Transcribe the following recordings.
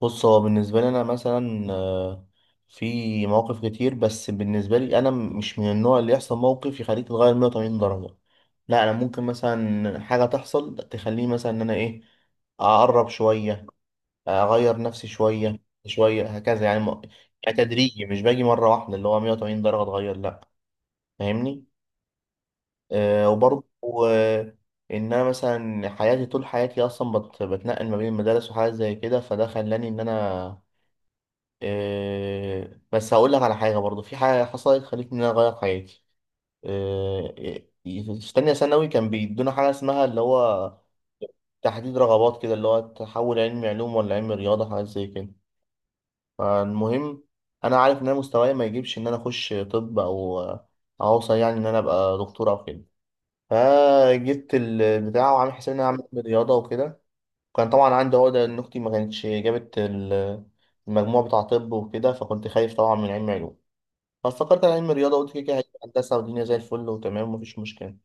بص، هو بالنسبة لي أنا مثلا في مواقف كتير. بس بالنسبة لي أنا مش من النوع اللي يحصل موقف يخليك تتغير 180 درجة. لا، أنا ممكن مثلا حاجة تحصل تخليني مثلا إن أنا إيه، أقرب شوية، أغير نفسي شوية شوية هكذا يعني. يعني تدريجي، مش باجي مرة واحدة اللي هو 180 درجة أتغير. لأ، فاهمني؟ أه. وبرضه آه، إن أنا مثلا حياتي طول حياتي أصلا بتنقل ما بين المدارس وحاجات زي كده، فده خلاني إن أنا بس هقول لك على حاجة. برضو في حاجة حصلت خلتني إن أنا أغير حياتي. في تانية ثانوي كان بيدونا حاجة اسمها اللي هو تحديد رغبات كده، اللي هو تحول علم علوم ولا علم رياضة، حاجات زي كده. فالمهم، أنا عارف إن أنا مستواي ما يجيبش إن أنا أخش طب، أو أوصل يعني إن أنا أبقى دكتور أو كده. فجبت البتاع وعامل حسابي إن أنا أعمل رياضة وكده. كان طبعا عندي عقدة إن أختي ما كانتش جابت المجموع بتاع طب وكده، فكنت خايف طبعا من علم علوم. فافتكرت انا علم رياضه، قلت كده كده هيبقى هندسه، والدنيا زي الفل وتمام ومفيش مشكله.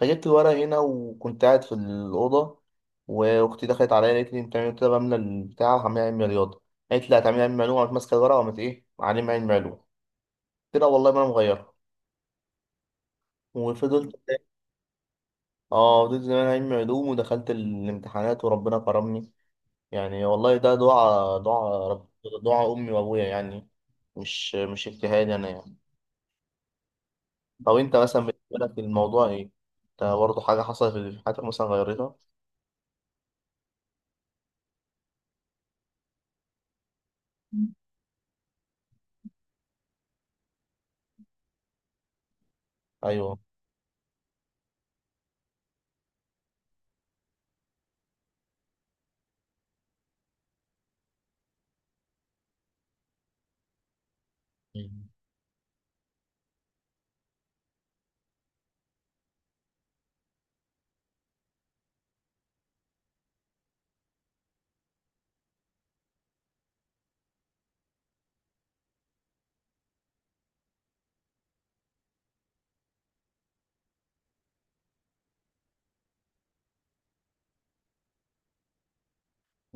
فجبت الورق هنا وكنت قاعد في الاوضه، واختي دخلت عليا قالت لي انت إيه؟ قلت لها بملى البتاع وهعمل علم رياضه. قالت لي هتعملي علم علوم. قامت ماسكه الورقه وقامت ايه، علم علوم. قلت لها والله ما انا مغيرها. وفضلت. اه، فضلت زمان علم علوم، ودخلت الامتحانات وربنا كرمني. يعني والله، ده دعاء رب، دعاء امي وابويا يعني، مش اجتهاد انا يعني. طب انت مثلا بالنسبه لك الموضوع ايه؟ انت برضه حاجه حصلت في حياتك مثلا غيرتها؟ ايوه. مم.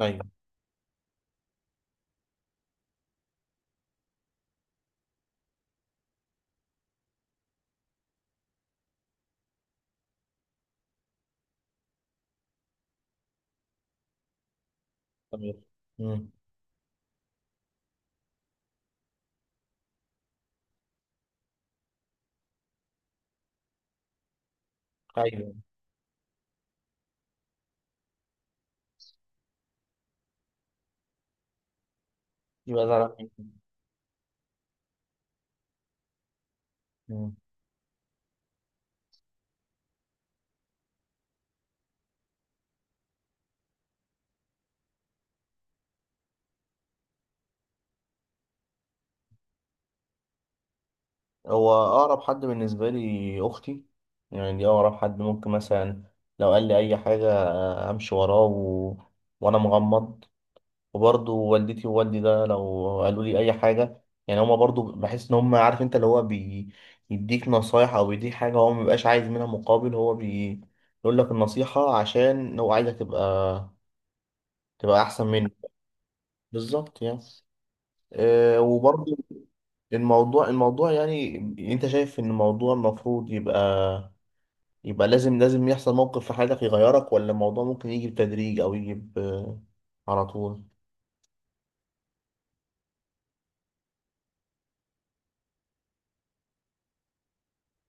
ايوه. تمام. مم. ايوه، يبقى زعلان مني. مم. هو اقرب حد بالنسبه لي اختي. يعني دي اقرب حد، ممكن مثلا لو قال لي اي حاجه امشي وراه و... وانا مغمض. وبرضه والدتي ووالدي، ده لو قالوا لي اي حاجه يعني. هما برضه، بحس ان هما عارف انت، اللي هو بيديك نصايح او بيديك حاجه هو مبيبقاش عايز منها مقابل، هو بيقول لك النصيحه عشان هو عايزك تبقى، تبقى احسن منه. بالظبط يعني. أه. وبرضه الموضوع، الموضوع يعني، انت شايف ان الموضوع المفروض يبقى، يبقى لازم يحصل موقف في حياتك يغيرك؟ ولا الموضوع ممكن يجي بتدريج او يجي على طول؟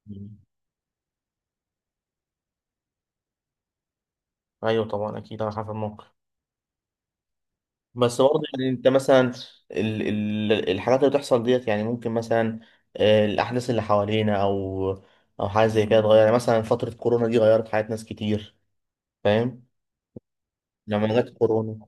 مم. ايوه، طبعا اكيد على حسب الموقف. بس برضه يعني انت مثلا ال ال الحاجات اللي بتحصل ديت يعني، ممكن مثلا الاحداث اللي حوالينا او حاجه زي كده تغير. يعني مثلا فتره كورونا دي غيرت حياه ناس كتير. فاهم؟ لما جت كورونا،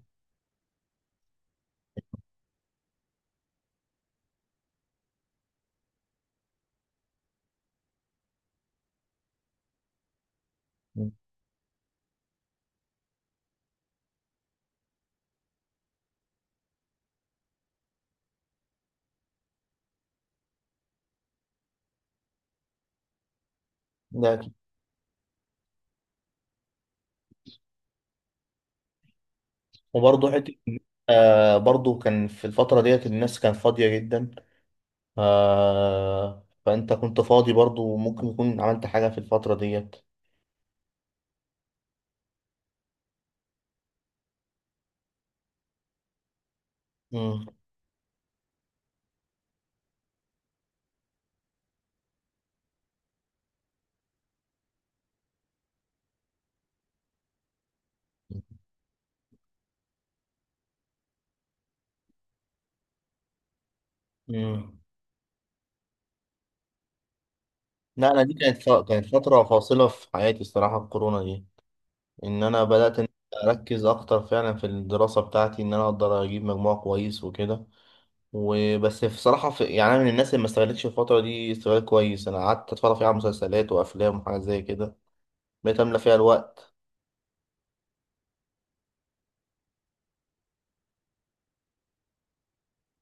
ده أكيد. وبرضه حته، آه برضه كان في الفتره ديت الناس كانت فاضيه جدا. آه، فانت كنت فاضي برضه، وممكن يكون عملت حاجه في الفتره ديت. مم. مم. لا، انا دي كانت ف... كانت فتره فاصله في حياتي الصراحه الكورونا دي. ان انا بدات ان اركز اكتر فعلا في الدراسه بتاعتي، ان انا اقدر اجيب مجموع كويس وكده. وبس في صراحه، في يعني انا من الناس اللي ما استغلتش الفتره دي استغلال كويس. انا قعدت اتفرج فيها على مسلسلات وافلام وحاجات زي كده، بقيت املى فيها الوقت.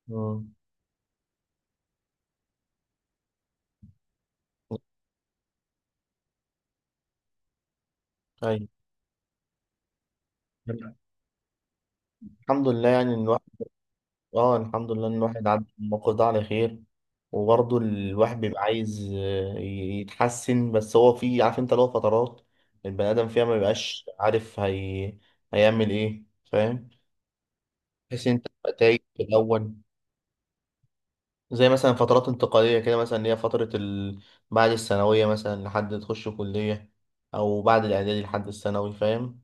مم. ايوه. الحمد لله يعني إن الواحد، اه الحمد لله ان الواحد عدى الموقف ده على خير. وبرضه الواحد بيبقى عايز يتحسن. بس هو في، عارف انت له فترات، البني ادم فيها ما بيبقاش عارف هي... هيعمل ايه. فاهم؟ بحيث انت تبقى تايه في الاول. زي مثلا فترات انتقاليه كده مثلا، اللي هي فتره ال... بعد الثانويه مثلا لحد ما تخش كليه، او بعد الاعدادي لحد الثانوي. فاهم؟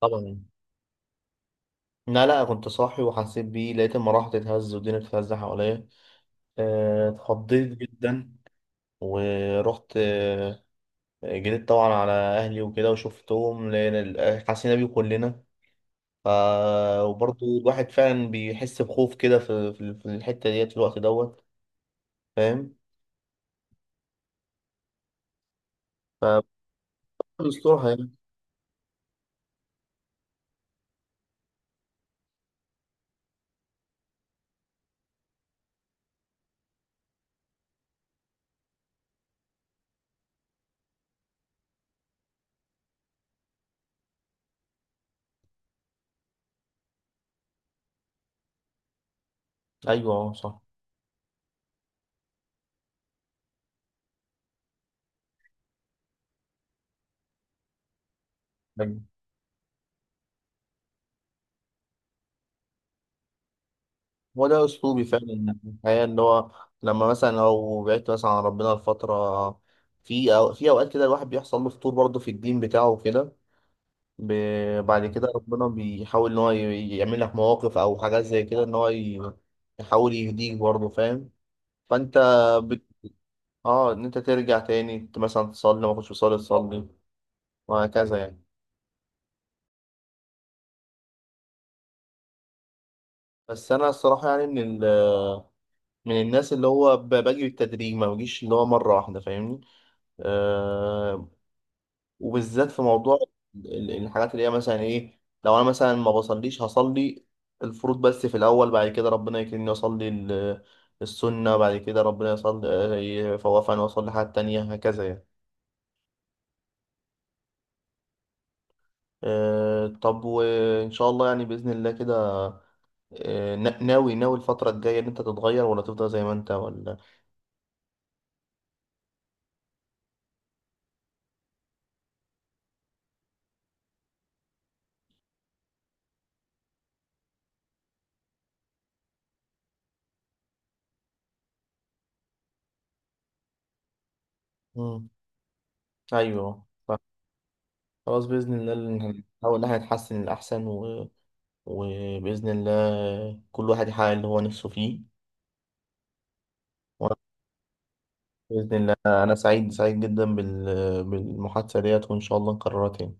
طبعا. لا لا، كنت صاحي وحسيت بيه. لقيت المراحل تتهز والدنيا بتتهز حواليا. اتخضيت جدا. ورحت جريت طبعا على اهلي وكده وشفتهم، لان حسينا بيه كلنا. ف... وبرضه الواحد فعلا بيحس بخوف كده، في الحته ديت في الوقت دوت. فاهم؟ الأسلوب هي أيوه. أه، صح. أيوه، هو ده أسلوبي فعلا في الحياة. إن هو لما مثلا لو بعدت مثلا عن ربنا لفترة، في أو في أوقات كده الواحد بيحصل له فتور برضه في الدين بتاعه وكده. بعد كده ربنا بيحاول إن هو يعمل لك مواقف أو حاجات زي كده إن هو يحاول يهديك برضه. فاهم؟ فأنت بت... أه، إن أنت ترجع تاني مثلا تصلي. ما كنتش بتصلي، تصلي. وهكذا يعني. بس أنا الصراحة يعني من ال، من الناس اللي هو باجي بالتدريج، ما بجيش اللي هو مرة واحدة. فاهمني؟ أه. وبالذات في موضوع الحاجات اللي هي مثلا ايه، لو انا مثلا ما بصليش هصلي الفروض بس في الاول. بعد كده ربنا يكرمني اصلي السنة. بعد كده ربنا يصلي يفوقني واصلي حاجات تانية، هكذا يعني. أه. طب وان شاء الله يعني باذن الله كده، ناوي، ناوي الفترة الجاية ان انت تتغير؟ ولا تفضل زي ما انت؟ ولا؟ مم. ايوه. خلاص، بإذن الله نحاول إن احنا نتحسن للأحسن و... وبإذن الله كل واحد يحقق اللي هو نفسه فيه. وأنا بإذن الله، أنا سعيد سعيد جدا بال... بالمحادثة ديت، وإن شاء الله نكررها تاني.